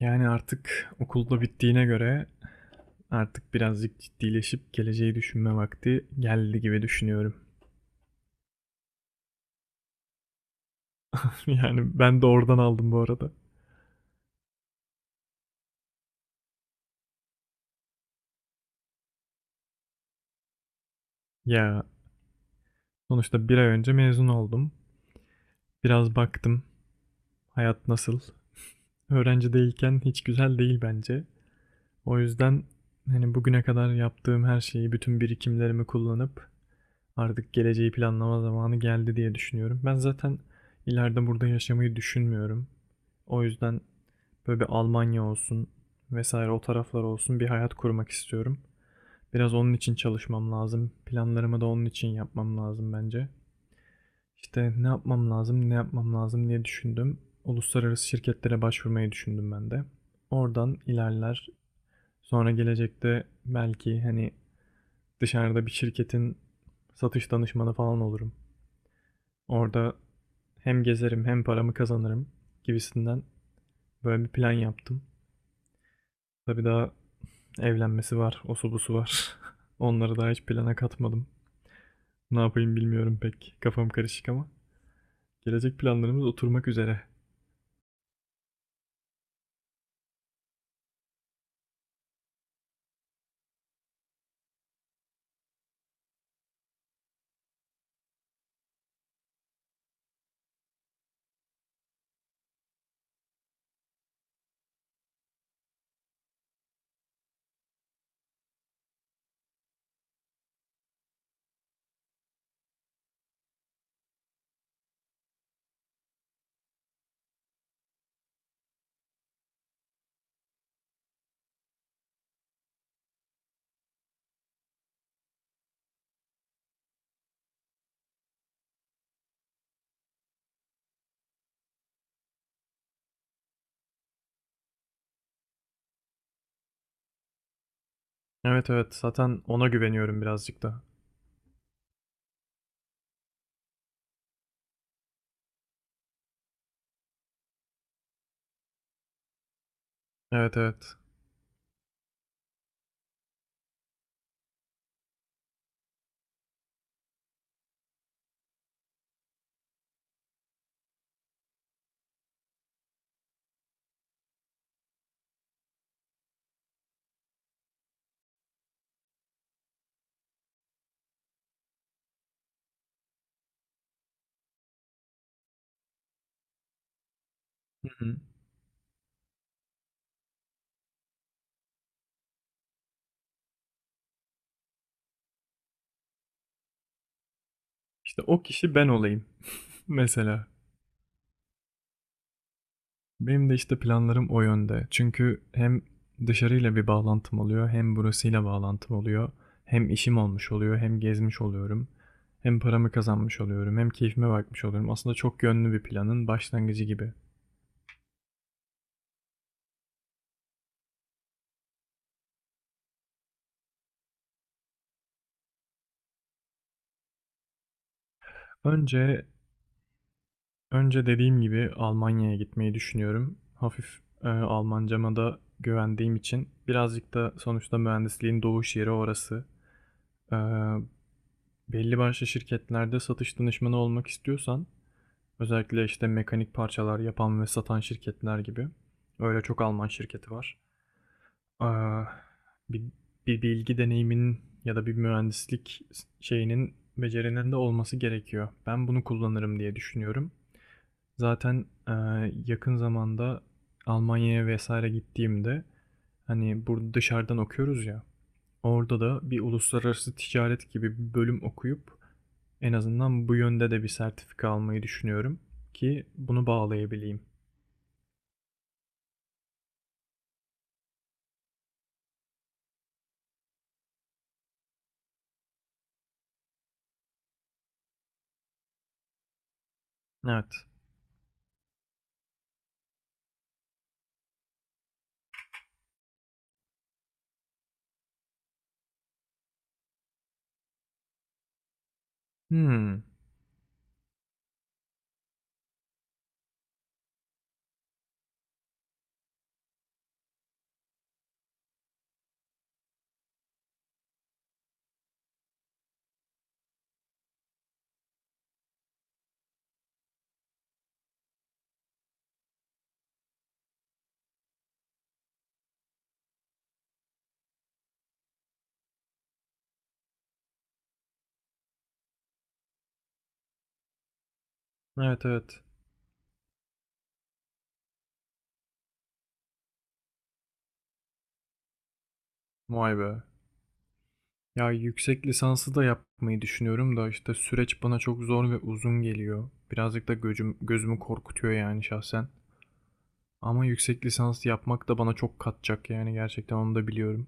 Yani artık okulda bittiğine göre artık birazcık ciddileşip geleceği düşünme vakti geldi gibi düşünüyorum. Yani ben de oradan aldım bu arada. Ya sonuçta bir ay önce mezun oldum. Biraz baktım hayat nasıl. Öğrenci değilken hiç güzel değil bence. O yüzden hani bugüne kadar yaptığım her şeyi, bütün birikimlerimi kullanıp artık geleceği planlama zamanı geldi diye düşünüyorum. Ben zaten ileride burada yaşamayı düşünmüyorum. O yüzden böyle bir Almanya olsun vesaire o taraflar olsun bir hayat kurmak istiyorum. Biraz onun için çalışmam lazım. Planlarımı da onun için yapmam lazım bence. İşte ne yapmam lazım, ne yapmam lazım diye düşündüm. Uluslararası şirketlere başvurmayı düşündüm ben de. Oradan ilerler. Sonra gelecekte belki hani dışarıda bir şirketin satış danışmanı falan olurum. Orada hem gezerim hem paramı kazanırım gibisinden böyle bir plan yaptım. Tabii daha evlenmesi var, osu busu var. Onları daha hiç plana katmadım. Ne yapayım bilmiyorum pek. Kafam karışık ama. Gelecek planlarımız oturmak üzere. Evet evet, zaten ona güveniyorum birazcık da. Evet evet. Hı hı. İşte o kişi ben olayım. Mesela. Benim de işte planlarım o yönde. Çünkü hem dışarıyla bir bağlantım oluyor, hem burasıyla bağlantım oluyor. Hem işim olmuş oluyor, hem gezmiş oluyorum. Hem paramı kazanmış oluyorum, hem keyfime bakmış oluyorum. Aslında çok yönlü bir planın başlangıcı gibi. Önce önce dediğim gibi Almanya'ya gitmeyi düşünüyorum. Hafif Almancama da güvendiğim için birazcık da sonuçta mühendisliğin doğuş yeri orası. E, Belli başlı şirketlerde satış danışmanı olmak istiyorsan özellikle işte mekanik parçalar yapan ve satan şirketler gibi. Öyle çok Alman şirketi var. Ee, bir, bir bilgi deneyiminin ya da bir mühendislik şeyinin becerinin de olması gerekiyor. Ben bunu kullanırım diye düşünüyorum. Zaten yakın zamanda Almanya'ya vesaire gittiğimde hani burada dışarıdan okuyoruz ya. Orada da bir uluslararası ticaret gibi bir bölüm okuyup en azından bu yönde de bir sertifika almayı düşünüyorum ki bunu bağlayabileyim. Evet. Hmm. Evet evet. Vay be. Ya yüksek lisansı da yapmayı düşünüyorum da işte süreç bana çok zor ve uzun geliyor. Birazcık da gözüm, gözümü korkutuyor yani şahsen. Ama yüksek lisans yapmak da bana çok katacak yani gerçekten onu da biliyorum.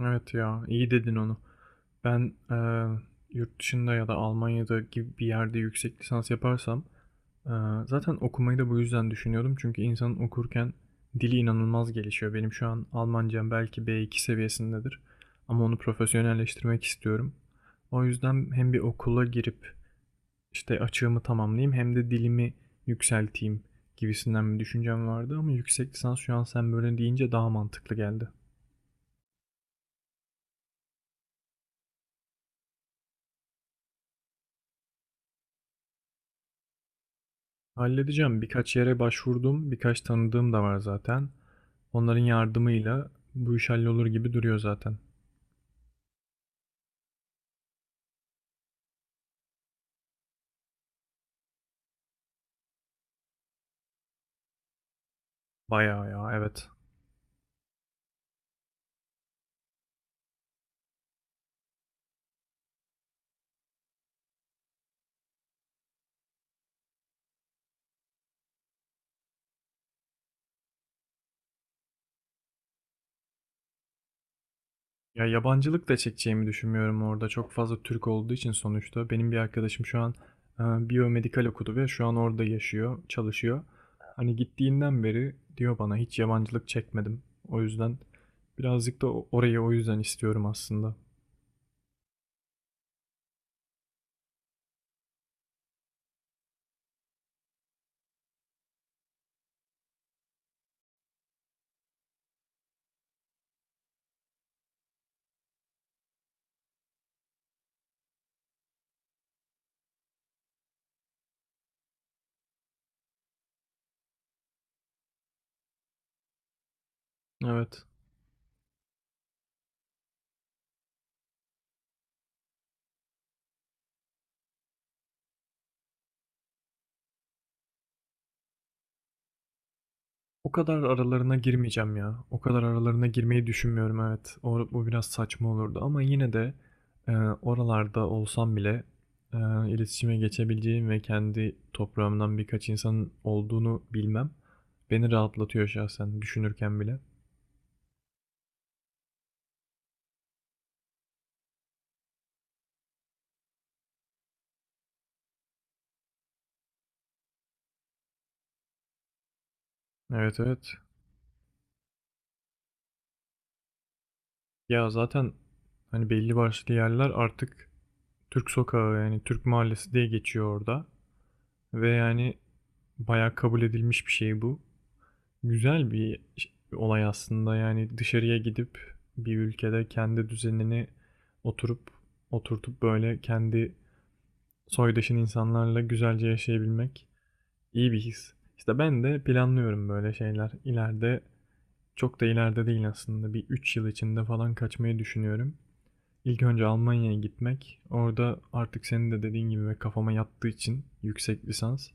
Evet ya, iyi dedin onu. Ben yurt dışında ya da Almanya'da gibi bir yerde yüksek lisans yaparsam eee, zaten okumayı da bu yüzden düşünüyordum. Çünkü insanın okurken dili inanılmaz gelişiyor. Benim şu an Almancam belki B2 seviyesindedir ama onu profesyonelleştirmek istiyorum. O yüzden hem bir okula girip işte açığımı tamamlayayım hem de dilimi yükselteyim gibisinden bir düşüncem vardı ama yüksek lisans şu an sen böyle deyince daha mantıklı geldi. Halledeceğim. Birkaç yere başvurdum. Birkaç tanıdığım da var zaten. Onların yardımıyla bu iş hallolur gibi duruyor zaten. Bayağı ya, evet. Ya yabancılık da çekeceğimi düşünmüyorum orada. Çok fazla Türk olduğu için sonuçta. Benim bir arkadaşım şu an biyomedikal okudu ve şu an orada yaşıyor, çalışıyor. Hani gittiğinden beri diyor bana hiç yabancılık çekmedim. O yüzden birazcık da orayı o yüzden istiyorum aslında. Evet. O kadar aralarına girmeyeceğim ya. O kadar aralarına girmeyi düşünmüyorum, evet. O, bu biraz saçma olurdu ama yine de oralarda olsam bile e, iletişime geçebileceğim ve kendi toprağımdan birkaç insanın olduğunu bilmem beni rahatlatıyor şahsen düşünürken bile. Evet evet. Ya zaten hani belli başlı yerler artık Türk sokağı yani Türk mahallesi diye geçiyor orada. Ve yani bayağı kabul edilmiş bir şey bu. Güzel bir olay aslında, yani dışarıya gidip bir ülkede kendi düzenini oturup oturtup, böyle, kendi soydaşın insanlarla güzelce yaşayabilmek iyi bir his. İşte ben de planlıyorum böyle şeyler. İleride, çok da ileride değil aslında, bir 3 yıl içinde falan kaçmayı düşünüyorum. İlk önce Almanya'ya gitmek. Orada artık senin de dediğin gibi ve kafama yattığı için yüksek lisans.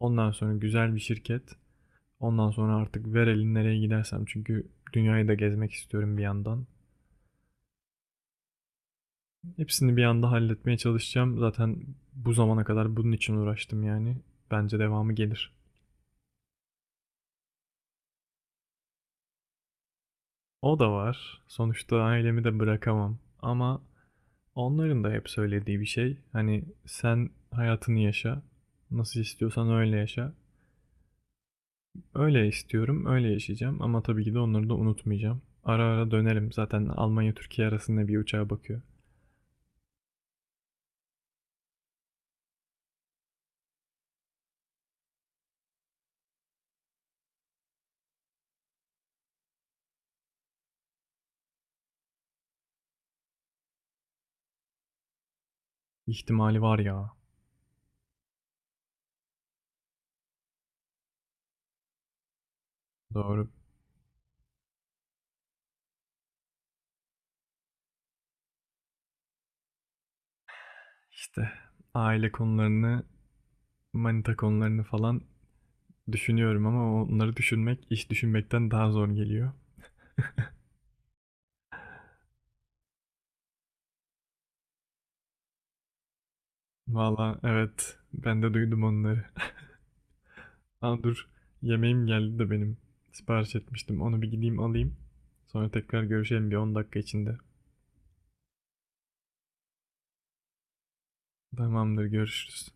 Ondan sonra güzel bir şirket. Ondan sonra artık ver elin nereye gidersem çünkü dünyayı da gezmek istiyorum bir yandan. Hepsini bir anda halletmeye çalışacağım. Zaten bu zamana kadar bunun için uğraştım yani. Bence devamı gelir. O da var. Sonuçta ailemi de bırakamam. Ama onların da hep söylediği bir şey. Hani sen hayatını yaşa. Nasıl istiyorsan öyle yaşa. Öyle istiyorum, öyle yaşayacağım ama tabii ki de onları da unutmayacağım. Ara ara dönerim. Zaten Almanya Türkiye arasında bir uçağa bakıyor. İhtimali var ya. Doğru. İşte aile konularını, manita konularını falan düşünüyorum ama onları düşünmek iş düşünmekten daha zor geliyor. Valla evet, ben de duydum onları. Aa dur, yemeğim geldi de benim. Sipariş etmiştim onu, bir gideyim alayım. Sonra tekrar görüşelim bir 10 dakika içinde. Tamamdır, görüşürüz.